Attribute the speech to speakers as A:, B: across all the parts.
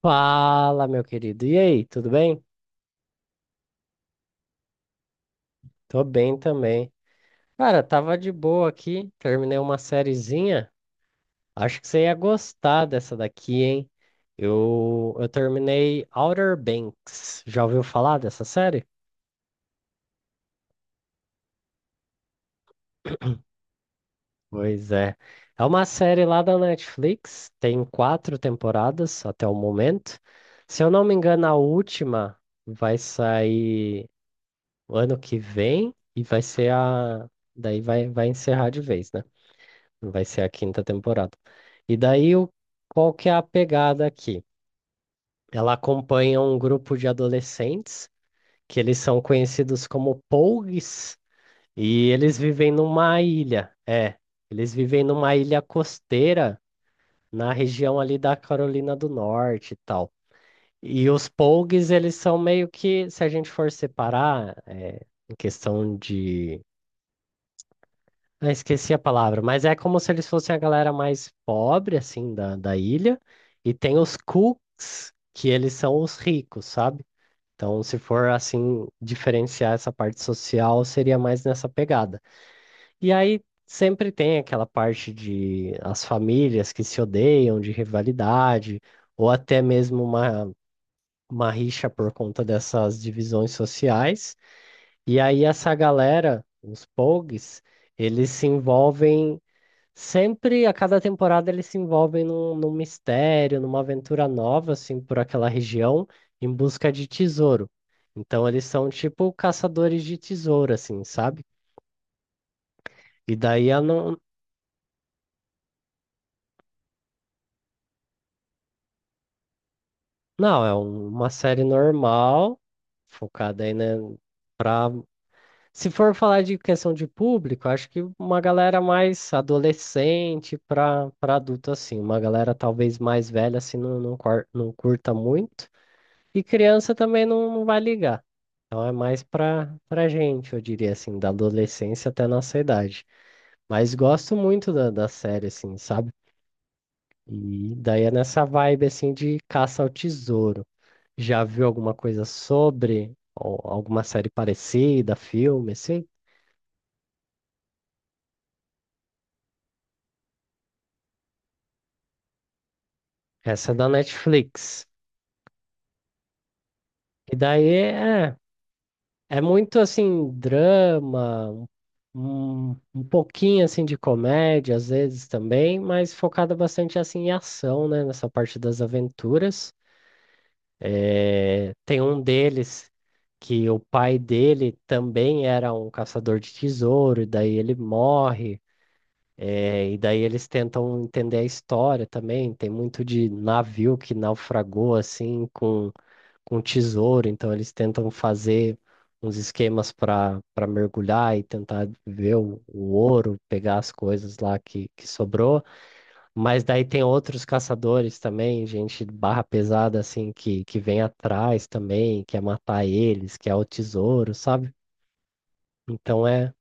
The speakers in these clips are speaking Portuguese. A: Fala, meu querido. E aí, tudo bem? Tô bem também. Cara, tava de boa aqui, terminei uma sériezinha. Acho que você ia gostar dessa daqui, hein? Eu terminei Outer Banks. Já ouviu falar dessa série? Pois é. É uma série lá da Netflix, tem quatro temporadas até o momento. Se eu não me engano, a última vai sair o ano que vem e vai ser a. Daí vai encerrar de vez, né? Vai ser a quinta temporada. E daí, qual que é a pegada aqui? Ela acompanha um grupo de adolescentes que eles são conhecidos como Pougs e eles vivem numa ilha. É, eles vivem numa ilha costeira na região ali da Carolina do Norte e tal. E os Pougs, eles são meio que, se a gente for separar, em questão de. Eu esqueci a palavra, mas é como se eles fossem a galera mais pobre, assim, da ilha, e tem os cooks, que eles são os ricos, sabe? Então, se for assim, diferenciar essa parte social, seria mais nessa pegada. E aí sempre tem aquela parte de as famílias que se odeiam, de rivalidade, ou até mesmo uma rixa por conta dessas divisões sociais. E aí essa galera, os pogues, eles se envolvem Sempre, a cada temporada, eles se envolvem num mistério, numa aventura nova, assim, por aquela região, em busca de tesouro. Então, eles são tipo caçadores de tesouro, assim, sabe? E daí, a não, não, uma série normal, focada aí, né, pra... se for falar de questão de público, acho que uma galera mais adolescente para adulto, assim. Uma galera talvez mais velha, assim, não, não, não curta muito. E criança também não, não vai ligar. Então é mais pra gente, eu diria assim, da adolescência até a nossa idade. Mas gosto muito da série, assim, sabe? E daí é nessa vibe, assim, de caça ao tesouro. Já viu alguma coisa sobre, ou alguma série parecida, filme, assim? Essa é da Netflix. E daí é muito assim, drama, um pouquinho assim de comédia às vezes também, mas focada bastante assim em ação, né? Nessa parte das aventuras. Tem um deles que o pai dele também era um caçador de tesouro, e daí ele morre. Eh, e daí eles tentam entender a história também. Tem muito de navio que naufragou assim com tesouro, então eles tentam fazer uns esquemas para mergulhar e tentar ver o ouro, pegar as coisas lá que sobrou. Mas daí tem outros caçadores também, gente barra pesada assim que vem atrás também, quer matar eles, quer o tesouro, sabe? Então é.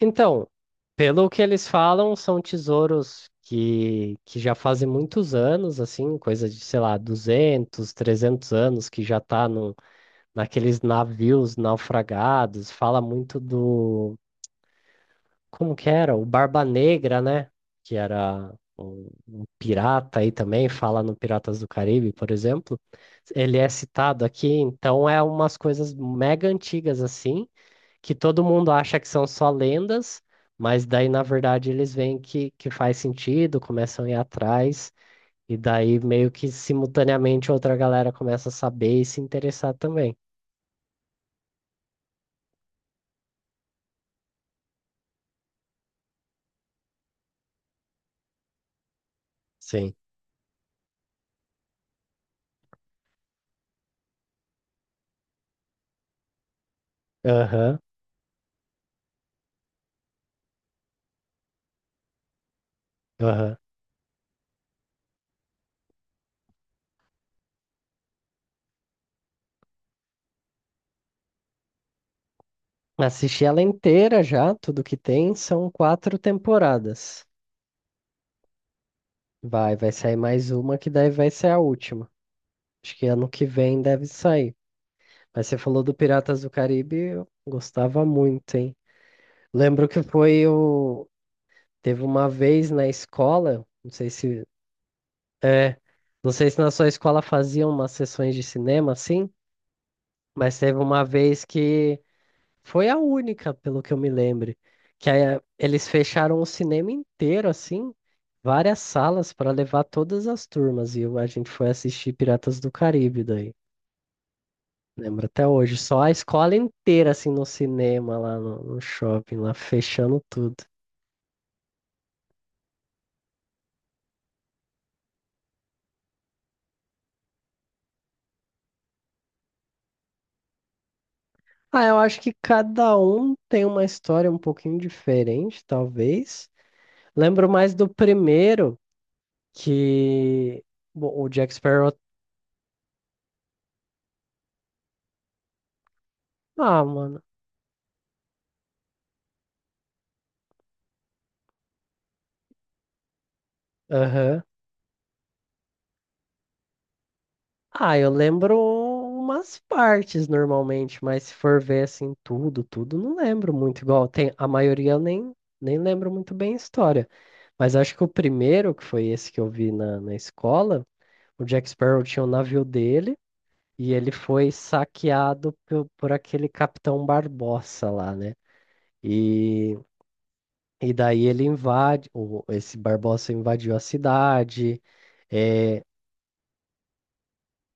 A: Então, pelo que eles falam, são tesouros que já fazem muitos anos, assim, coisa de, sei lá, 200, 300 anos que já tá num naqueles navios naufragados, fala muito como que era? O Barba Negra, né? Que era um pirata aí também, fala no Piratas do Caribe, por exemplo. Ele é citado aqui, então é umas coisas mega antigas assim, que todo mundo acha que são só lendas, mas daí na verdade eles veem que faz sentido, começam a ir atrás. E daí, meio que simultaneamente, outra galera começa a saber e se interessar também. Sim. Aham. Aham. Assisti ela inteira já, tudo que tem, são quatro temporadas. Vai sair mais uma que daí vai ser a última. Acho que ano que vem deve sair. Mas você falou do Piratas do Caribe, eu gostava muito, hein? Lembro que foi o. Teve uma vez na escola, não sei se. É, não sei se na sua escola faziam umas sessões de cinema assim, mas teve uma vez que. Foi a única, pelo que eu me lembre, que aí, eles fecharam o cinema inteiro, assim, várias salas para levar todas as turmas, a gente foi assistir Piratas do Caribe daí. Lembro até hoje, só a escola inteira, assim, no cinema, lá no shopping, lá fechando tudo. Ah, eu acho que cada um tem uma história um pouquinho diferente, talvez. Lembro mais do primeiro, que bom, o Jack Sparrow. Ah, mano. Aham. Ah, eu lembro umas partes normalmente, mas se for ver assim tudo, tudo, não lembro muito igual. Tem, a maioria eu nem lembro muito bem a história. Mas acho que o primeiro, que foi esse que eu vi na escola, o Jack Sparrow tinha o navio dele e ele foi saqueado por aquele Capitão Barbossa lá, né? E, e daí ele esse Barbossa invadiu a cidade. É,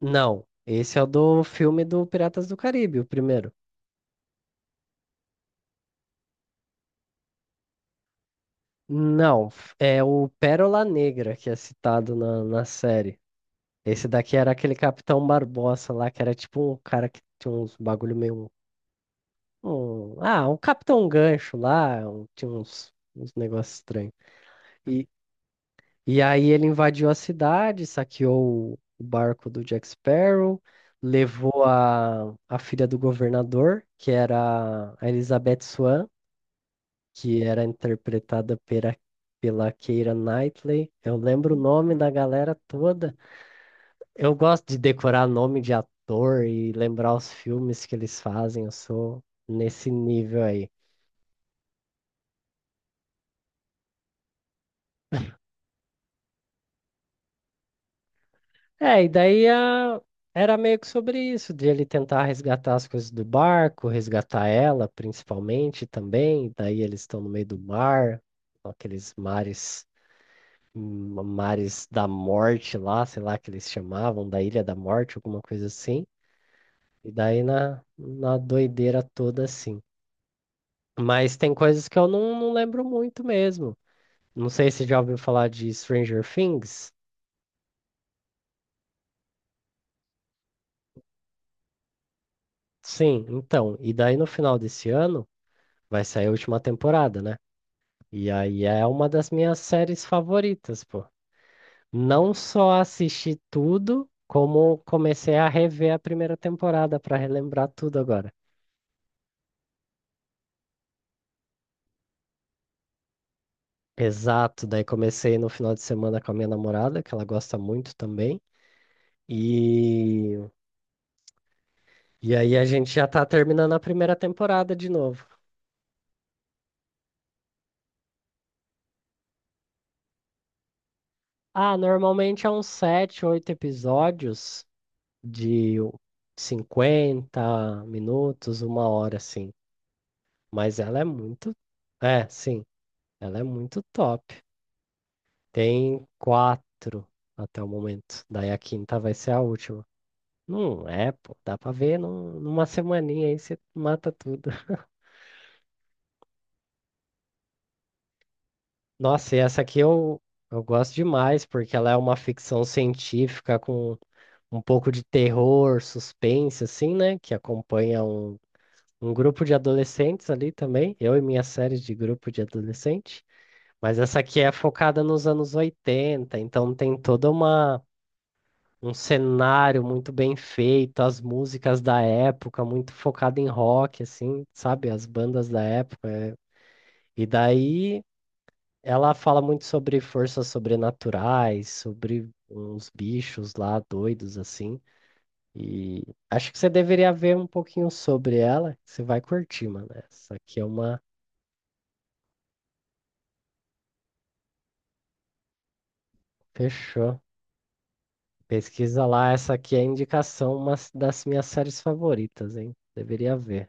A: não, esse é o do filme do Piratas do Caribe, o primeiro. Não, é o Pérola Negra que é citado na série. Esse daqui era aquele Capitão Barbosa lá, que era tipo um cara que tinha uns bagulho meio. Um Capitão Gancho lá, tinha uns negócios estranhos. E, e aí ele invadiu a cidade, saqueou o barco do Jack Sparrow, levou a filha do governador, que era a Elizabeth Swan, que era interpretada pela Keira Knightley. Eu lembro o nome da galera toda. Eu gosto de decorar nome de ator e lembrar os filmes que eles fazem. Eu sou nesse nível aí. É, e daí era meio que sobre isso, de ele tentar resgatar as coisas do barco, resgatar ela principalmente também. Daí eles estão no meio do mar, aqueles mares. Mares da Morte lá, sei lá que eles chamavam, da Ilha da Morte, alguma coisa assim. E daí na doideira toda, assim. Mas tem coisas que eu não, não lembro muito mesmo. Não sei se já ouviu falar de Stranger Things. Sim, então. E daí no final desse ano vai sair a última temporada, né? E aí é uma das minhas séries favoritas, pô. Não só assisti tudo, como comecei a rever a primeira temporada pra relembrar tudo agora. Exato, daí comecei no final de semana com a minha namorada, que ela gosta muito também. E E aí a gente já tá terminando a primeira temporada de novo. Ah, normalmente é uns sete, oito episódios de 50 minutos, uma hora, assim. Mas ela é muito. É, sim, ela é muito top. Tem quatro até o momento. Daí a quinta vai ser a última. Não é, pô. Dá pra ver numa semaninha aí você mata tudo. Nossa, e essa aqui eu gosto demais, porque ela é uma ficção científica com um pouco de terror, suspense, assim, né? Que acompanha um grupo de adolescentes ali também, eu e minha série de grupo de adolescente. Mas essa aqui é focada nos anos 80, então tem toda uma. Um cenário muito bem feito, as músicas da época, muito focada em rock, assim, sabe? As bandas da época. É. E daí ela fala muito sobre forças sobrenaturais, sobre uns bichos lá doidos, assim. E acho que você deveria ver um pouquinho sobre ela, que você vai curtir, mano. Essa aqui é uma. Fechou. Pesquisa lá, essa aqui é a indicação, das minhas séries favoritas, hein? Deveria ver.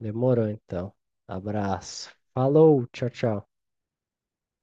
A: Demorou então. Abraço. Falou, tchau, tchau.